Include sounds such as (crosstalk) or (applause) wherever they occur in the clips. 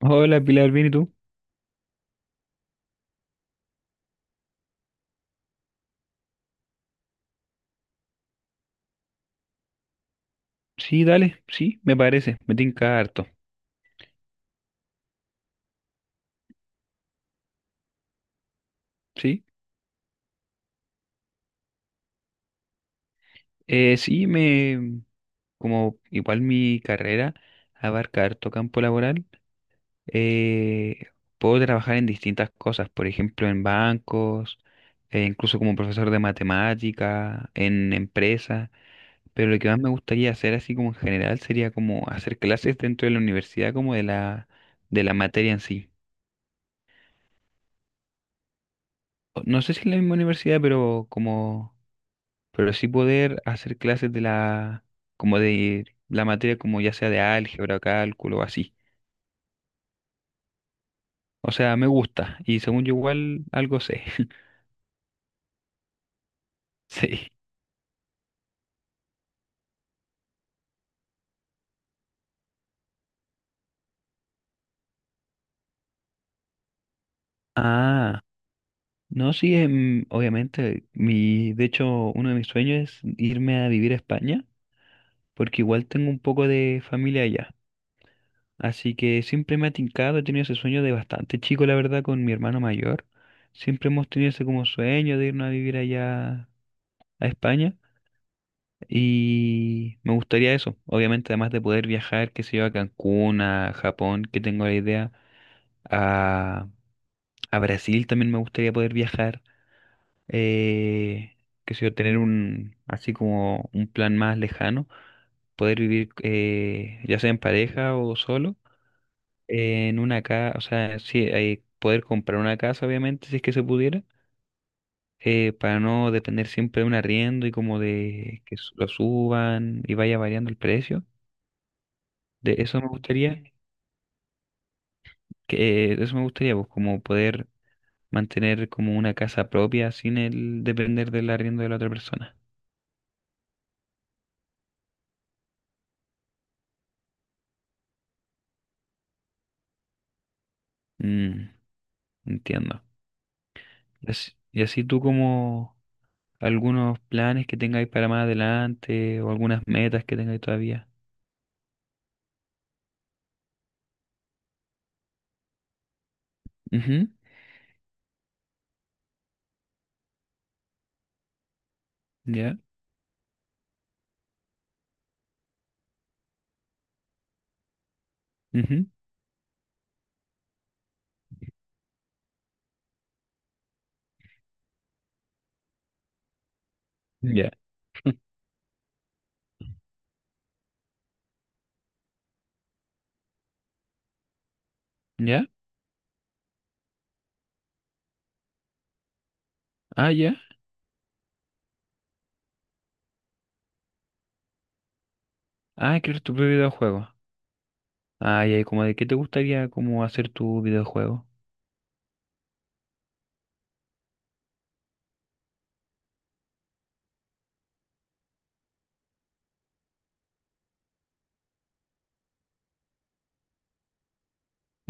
Hola Pilar, ¿bien y tú? Sí, dale, sí, me parece, me tinca harto, sí. Eh, sí, me, como igual mi carrera abarca harto campo laboral, eh, puedo trabajar en distintas cosas, por ejemplo, en bancos, incluso como profesor de matemática, en empresas, pero lo que más me gustaría hacer así como en general sería como hacer clases dentro de la universidad, de la materia en sí. No sé si en la misma universidad, pero sí poder hacer clases como de la materia como ya sea de álgebra, cálculo o así. O sea, me gusta y según yo igual algo sé. (laughs) Sí. Ah, no, sí, obviamente, de hecho, uno de mis sueños es irme a vivir a España, porque igual tengo un poco de familia allá. Así que siempre me ha tincado, he tenido ese sueño de bastante chico, la verdad, con mi hermano mayor. Siempre hemos tenido ese como sueño de irnos a vivir allá a España. Y me gustaría eso, obviamente, además de poder viajar, que sé yo, a Cancún, a Japón, que tengo la idea, a, a Brasil también me gustaría poder viajar, eh, qué sé yo, así como un plan más lejano, poder vivir ya sea en pareja o solo, en una casa, o sea, sí, poder comprar una casa, obviamente, si es que se pudiera, para no depender siempre de un arriendo y como de que lo suban y vaya variando el precio. De eso me gustaría, que, de eso me gustaría, pues, como poder mantener como una casa propia sin el depender del arriendo de la otra persona. Mm, entiendo. Y así tú como algunos planes que tengáis para más adelante o algunas metas que tengáis todavía. Ujú. Ya, ujú. Ya. (laughs) ¿Ya? Ah, ya. Ah, quieres tu propio videojuego. Ah, ya. ¿Y como de qué te gustaría como hacer tu videojuego?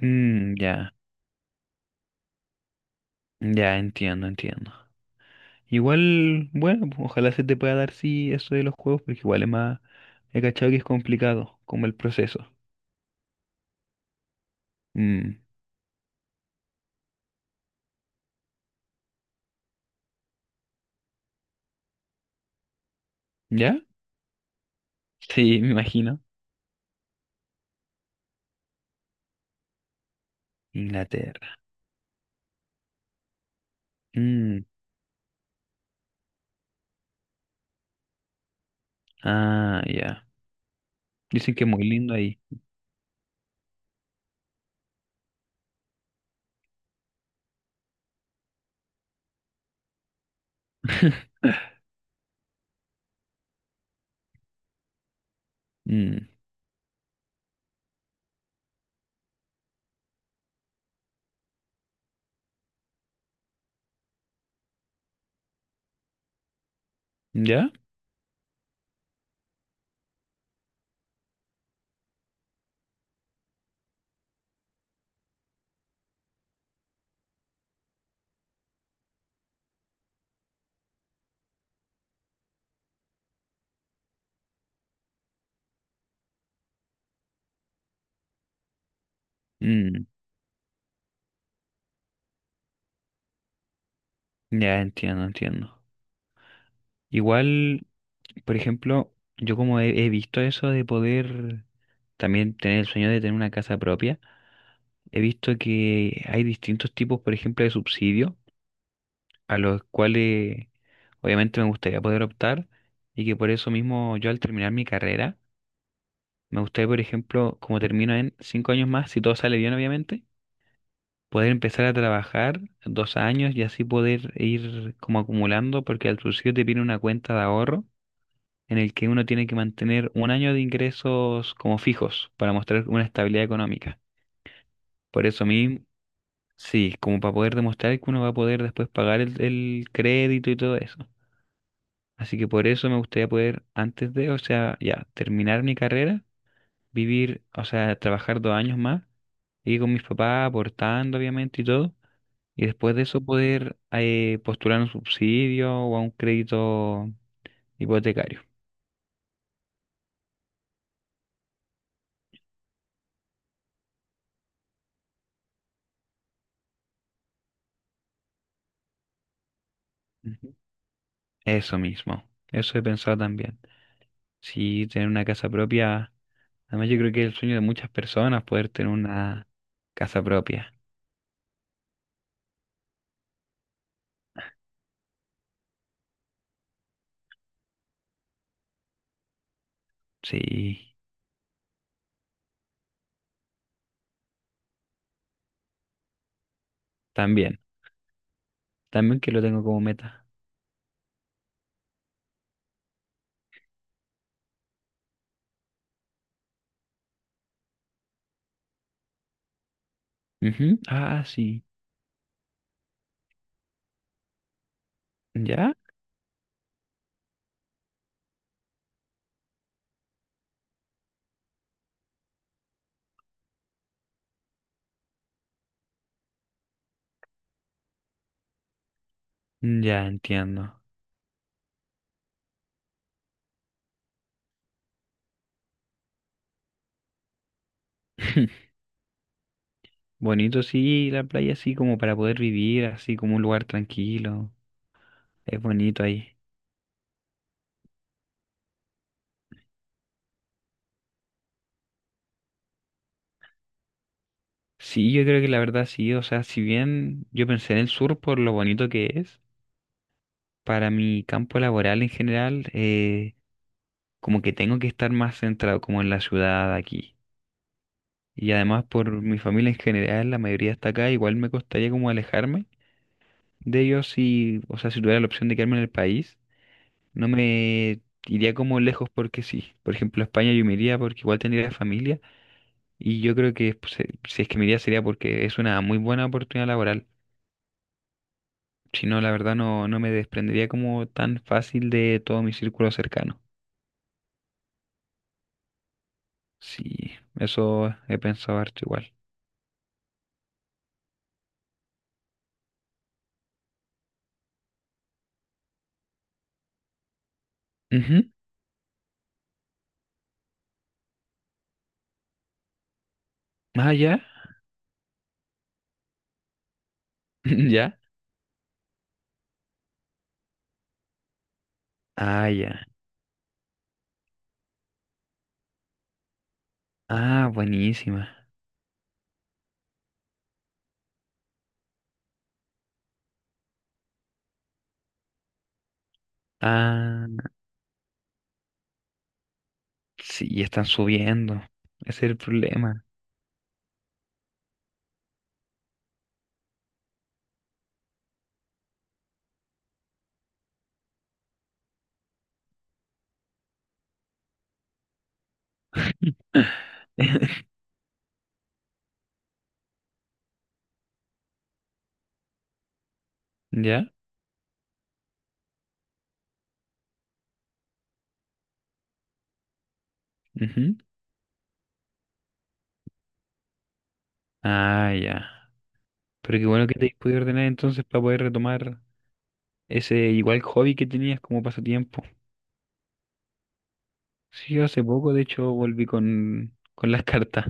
Mm, ya. Ya, entiendo, entiendo. Igual, bueno, pues, ojalá se te pueda dar sí eso de los juegos, porque igual es más, he cachado que es complicado, como el proceso. Mm. ¿Ya? Sí, me imagino. Inglaterra. Mm, ah, ya. Dicen que es muy lindo ahí. (laughs) Mm. ¿Ya? Mm, ya entiendo, entiendo. Igual, por ejemplo, he visto eso de poder también tener el sueño de tener una casa propia, he visto que hay distintos tipos, por ejemplo, de subsidios a los cuales obviamente me gustaría poder optar y que por eso mismo yo al terminar mi carrera, me gustaría, por ejemplo, como termino en 5 años más, si todo sale bien obviamente, poder empezar a trabajar 2 años y así poder ir como acumulando, porque al principio te viene una cuenta de ahorro en el que uno tiene que mantener 1 año de ingresos como fijos para mostrar una estabilidad económica. Por eso mismo, sí, como para poder demostrar que uno va a poder después pagar el crédito y todo eso. Así que por eso me gustaría poder, antes de, o sea, ya, terminar mi carrera, vivir, o sea, trabajar 2 años más, ir con mis papás, aportando obviamente y todo, y después de eso poder postular un subsidio o a un crédito hipotecario. Ujú. Eso mismo, eso he pensado también. Sí, tener una casa propia, además yo creo que es el sueño de muchas personas poder tener una casa propia. Sí, también, también que lo tengo como meta. Ujú. Ah, sí, ¿ya? Mm, ya entiendo. (laughs) Bonito, sí, la playa así como para poder vivir, así como un lugar tranquilo. Es bonito ahí. Sí, yo creo que la verdad sí, o sea, si bien yo pensé en el sur por lo bonito que es, para mi campo laboral en general, como que tengo que estar más centrado como en la ciudad aquí. Y además por mi familia en general, la mayoría está acá, igual me costaría como alejarme de ellos si, o sea, si tuviera la opción de quedarme en el país. No me iría como lejos porque sí. Por ejemplo, a España yo me iría porque igual tendría familia y yo creo que pues, si es que me iría sería porque es una muy buena oportunidad laboral. Si no, la verdad no, no me desprendería como tan fácil de todo mi círculo cercano. Sí, eso he pensado harto igual. Ujú. Ah, ya. (laughs) Ya. Ah, ya. Ah, buenísima. Ah, sí, están subiendo. Ese es el problema. (laughs) ¿Ya? Ujú. Ah, ya. Pero qué bueno que te hayas podido ordenar entonces para poder retomar ese igual hobby que tenías como pasatiempo. Sí, yo hace poco de hecho volví con las (laughs) cartas.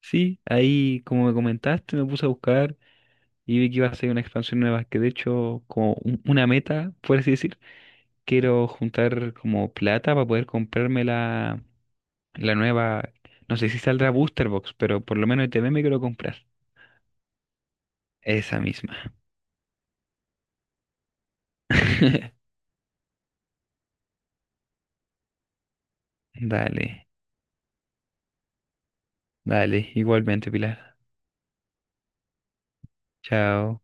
Sí, ahí como me comentaste me puse a buscar y vi que iba a ser una expansión nueva, que de hecho como una meta, por así decir, quiero juntar como plata para poder comprarme la nueva, no sé si saldrá Booster Box, pero por lo menos ETB me quiero comprar. Esa misma. (laughs) Dale, dale, igualmente Pilar. Chao.